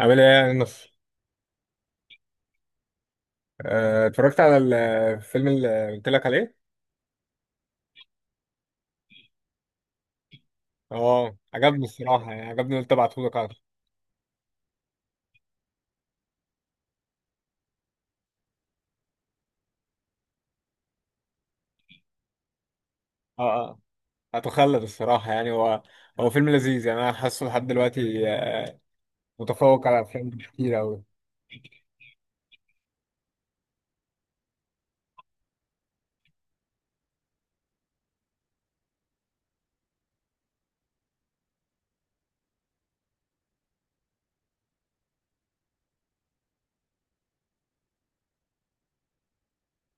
عامل ايه يا نص؟ اتفرجت على الفيلم اللي قلت لك عليه. اه عجبني الصراحه، يعني عجبني، قلت ابعته لك. اه اه هتخلد الصراحه، يعني هو هو فيلم لذيذ، يعني انا حاسه لحد دلوقتي متفوق على افلام كتير قوي.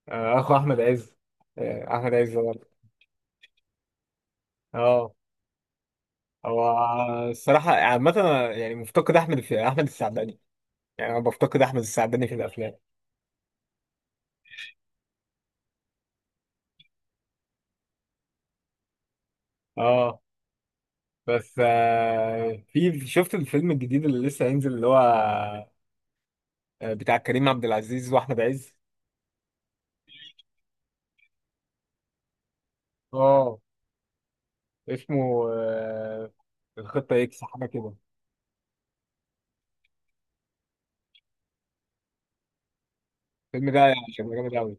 اخو احمد عز، احمد عز برضه. اه هو الصراحه عامه أنا يعني مفتقد احمد في احمد السعداني، يعني انا بفتقد احمد السعداني في الافلام. اه بس في شفت الفيلم الجديد اللي لسه هينزل، اللي هو بتاع كريم عبد العزيز واحمد عز. اه اسمه الخطه اكس حاجه كده. الفيلم ده يعني كان جامد قوي.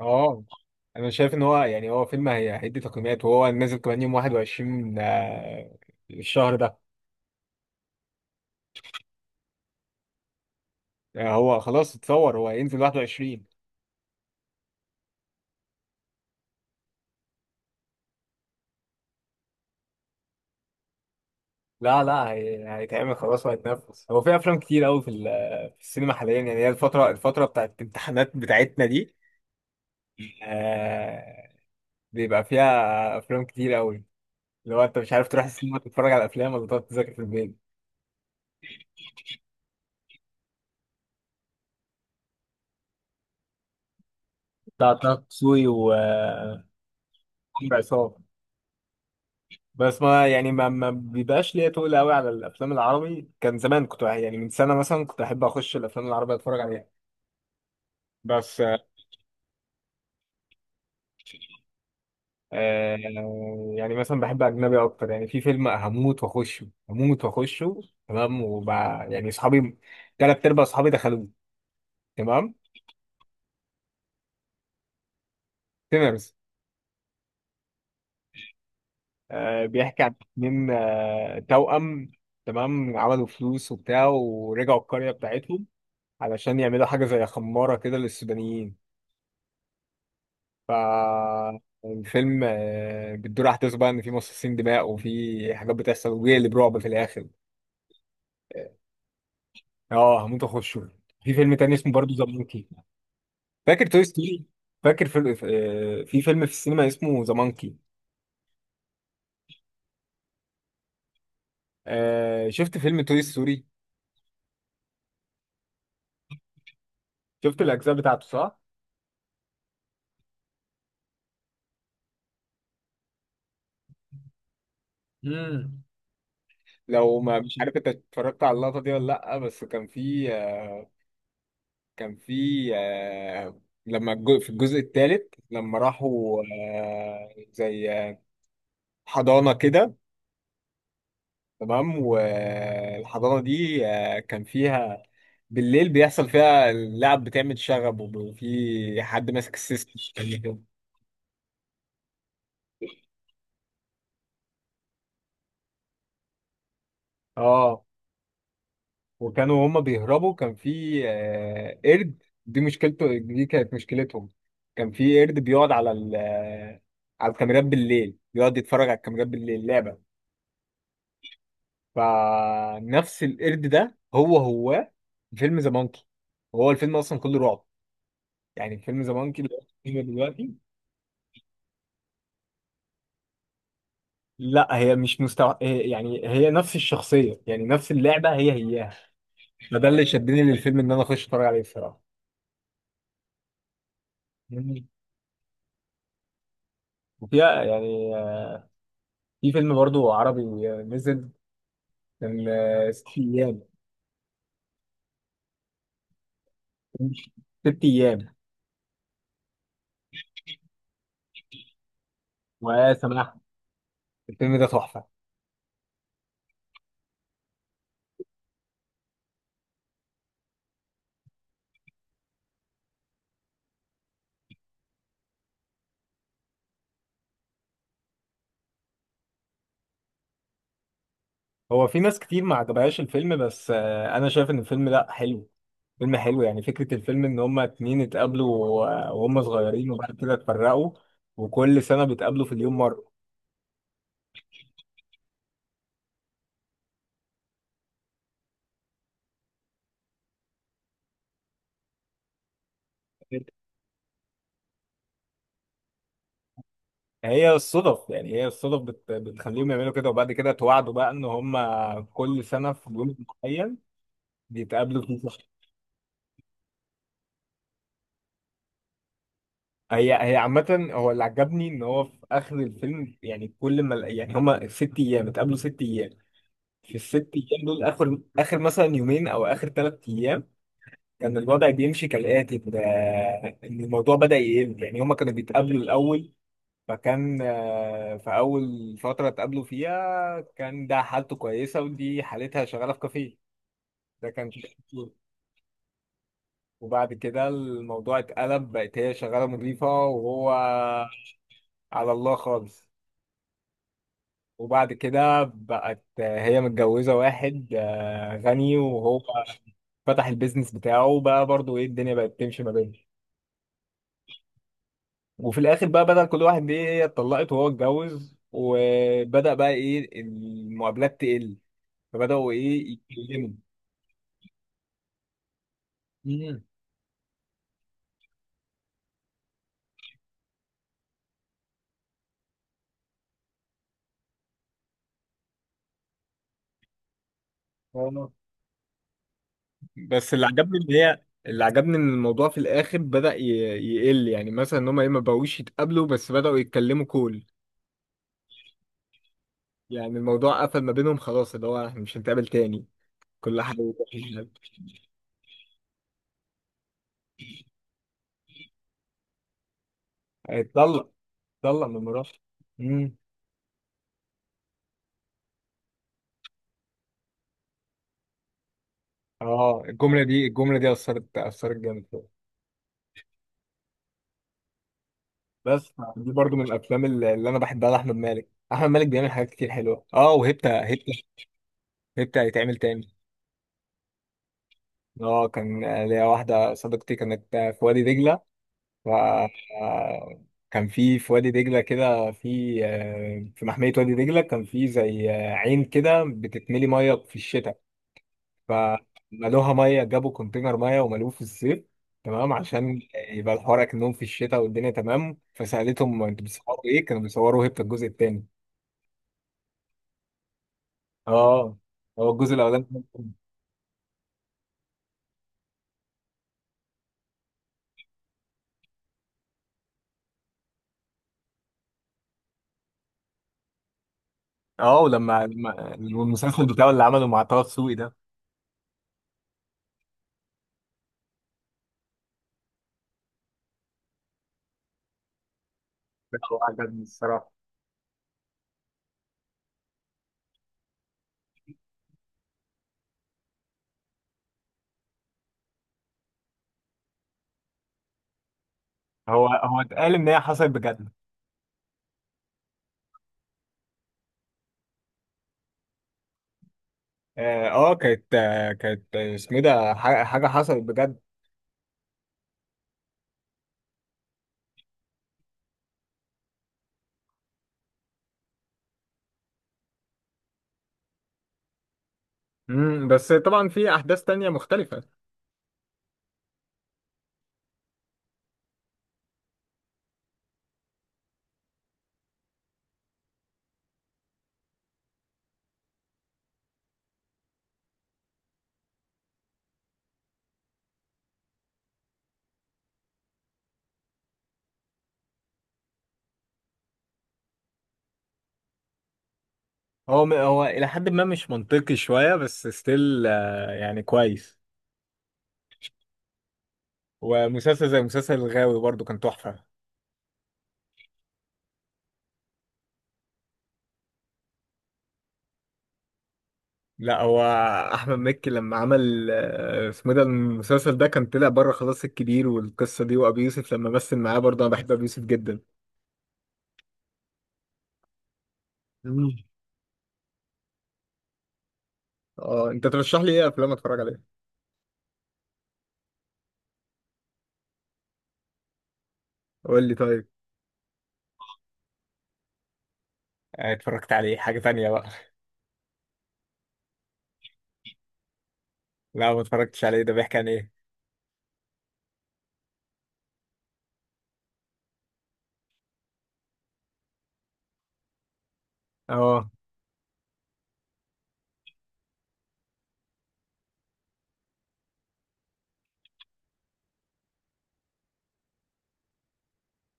اه انا شايف ان هو يعني هو فيلم هيدي تقييمات، وهو نازل كمان يوم 21 الشهر ده. هو خلاص اتصور، هو هينزل 21. لا لا هيتعمل خلاص وهيتنفس. هو في افلام كتير قوي في في السينما حاليا. يعني هي الفتره بتاعت الامتحانات بتاعتنا دي آه، بيبقى فيها افلام كتير قوي. لو انت مش عارف تروح السينما تتفرج على افلام ولا تقعد تذاكر في البيت. بتاع طه دسوقي و عمرو عصام. بس ما يعني ما ما بيبقاش ليا تقول قوي على الافلام العربي، كان زمان كنت يعني من سنه مثلا كنت احب اخش الافلام العربيه اتفرج عليها. بس آه، يعني مثلا بحب اجنبي اكتر، يعني في فيلم هموت واخشه، هموت واخشه، تمام. وبع يعني اصحابي، ثلاث ارباع اصحابي دخلوه، تمام. سينرز، بيحكي عن اتنين توأم، تمام، عملوا فلوس وبتاع ورجعوا القرية بتاعتهم علشان يعملوا حاجة زي خمارة كده للسودانيين. ف الفيلم بتدور أحداث بقى إن في مصاصين دماء وفي حاجات بتحصل، وبيقلب برعب في الآخر. اه هموت أخشه. في فيلم تاني اسمه برضه ذا مونكي. فاكر توي ستوري؟ فاكر في فيلم في السينما اسمه ذا مونكي. شفت فيلم توي ستوري، شفت الأجزاء بتاعته صح؟ مم. لو ما مش عارف انت اتفرجت على اللقطة دي ولا لأ، بس كان في آه، لما في الجزء الثالث لما راحوا زي حضانة كده، تمام. والحضانة دي كان فيها بالليل بيحصل فيها اللعب، بتعمل شغب وفي حد ماسك السيستم كده. اه وكانوا هما بيهربوا، كان في قرد، دي مشكلته، دي كانت مشكلتهم. كان في قرد بيقعد على ال آه، على الكاميرات بالليل، بيقعد يتفرج على الكاميرات بالليل لعبة. فنفس القرد ده هو فيلم ذا مونكي، وهو الفيلم اصلا كله رعب، يعني فيلم ذا مونكي اللي احنا فيه دلوقتي. لا هي مش مستوى، يعني هي نفس الشخصية، يعني نفس اللعبة هي هياها. فده اللي شدني للفيلم ان انا اخش اتفرج عليه الصراحة. مم. وفيها يعني في فيلم برضو عربي نزل، كان ست ايام، ست ايام. ويا سماح، الفيلم ده تحفه. هو في ناس كتير ما عجبهاش الفيلم، بس انا شايف ان الفيلم لا حلو، فيلم حلو. يعني فكره الفيلم ان هما اتنين اتقابلوا وهم صغيرين، وبعد كده اتفرقوا، وكل سنه بيتقابلوا في اليوم مره. هي الصدف بتخليهم يعملوا كده، وبعد كده اتوعدوا بقى ان هم كل سنه في يوم معين بيتقابلوا فيه. هي عامة هو اللي عجبني ان هو في اخر الفيلم، يعني كل ما يعني هما ست ايام اتقابلوا ست ايام، في الست ايام دول اخر مثلا يومين او اخر ثلاث ايام، كان الوضع بيمشي كالاتي إن الموضوع بدأ يقل. يعني هما كانوا بيتقابلوا الاول، فكان في اول فترة اتقابلوا فيها كان ده حالته كويسة، ودي حالتها شغالة في كافيه، ده كان شغله. وبعد كده الموضوع اتقلب، بقت هي شغالة مضيفة وهو على الله خالص. وبعد كده بقت هي متجوزة واحد غني، وهو فتح البيزنس بتاعه بقى برضو، ايه الدنيا بقت تمشي ما بينهم. وفي الاخر بقى بدل كل واحد ايه، هي اتطلقت وهو اتجوز، وبدأ بقى ايه المقابلات تقل، فبدأوا ايه يتكلموا. مم. آه. بس اللي عجبني ان الموضوع في الاخر يقل، يعني مثلا ان هم ايه ما بقوش يتقابلوا، بس بدأوا يتكلموا كول. يعني الموضوع قفل ما بينهم خلاص، اللي هو احنا مش هنتقابل تاني، كل حاجة بتحب. هيتطلق هيتطلق من مراته. امم. اه الجمله دي، اثرت، اثرت جامد فيا. بس دي برضو من الافلام اللي انا بحبها لاحمد مالك. احمد مالك بيعمل حاجات كتير حلوه. اه وهبته هيتعمل تاني. اه كان ليا واحده صديقتي كانت في وادي دجله. ف آه، كان في وادي دجله كده في في محميه وادي دجله، كان في زي عين كده بتتملي ميه في الشتاء، فملوها ميه، جابوا كونتينر ميه وملوه في الصيف، تمام، عشان يبقى الحوار اكنهم في الشتاء والدنيا تمام. فسالتهم انتوا بتصوروا ايه، كانوا بيصوروا هيبت الجزء الثاني. اه هو الجزء الاولاني كان- اه ولما المسلسل بتاعه اللي عمله مع طه دسوقي ده، لا، هو عجبني الصراحه. هو اتقال ان هي حصلت بجد. اه آه، كانت آه، كانت آه، اسمه إيه ده، حاجه حصلت بجد. بس طبعا في احداث تانية مختلفة. هو إلى حد ما مش منطقي شوية، بس ستيل يعني كويس. ومسلسل زي مسلسل الغاوي برضو كان تحفة. لا، هو أحمد مكي لما عمل اسمه ده المسلسل ده، كان طلع بره خلاص، الكبير والقصة دي. وأبي يوسف لما مثل معاه برضه أنا بحب أبي يوسف جدا. مم. اه أنت ترشح لي إيه أفلام أتفرج عليها؟ قول لي طيب. اتفرجت عليه، حاجة تانية بقى. لا ما اتفرجتش عليه، ده بيحكي عن إيه؟ اه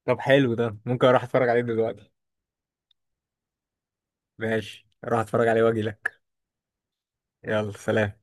طب حلو ده، ممكن أروح أتفرج عليه دلوقتي. ماشي أروح أتفرج عليه وأجي لك. يلا سلام.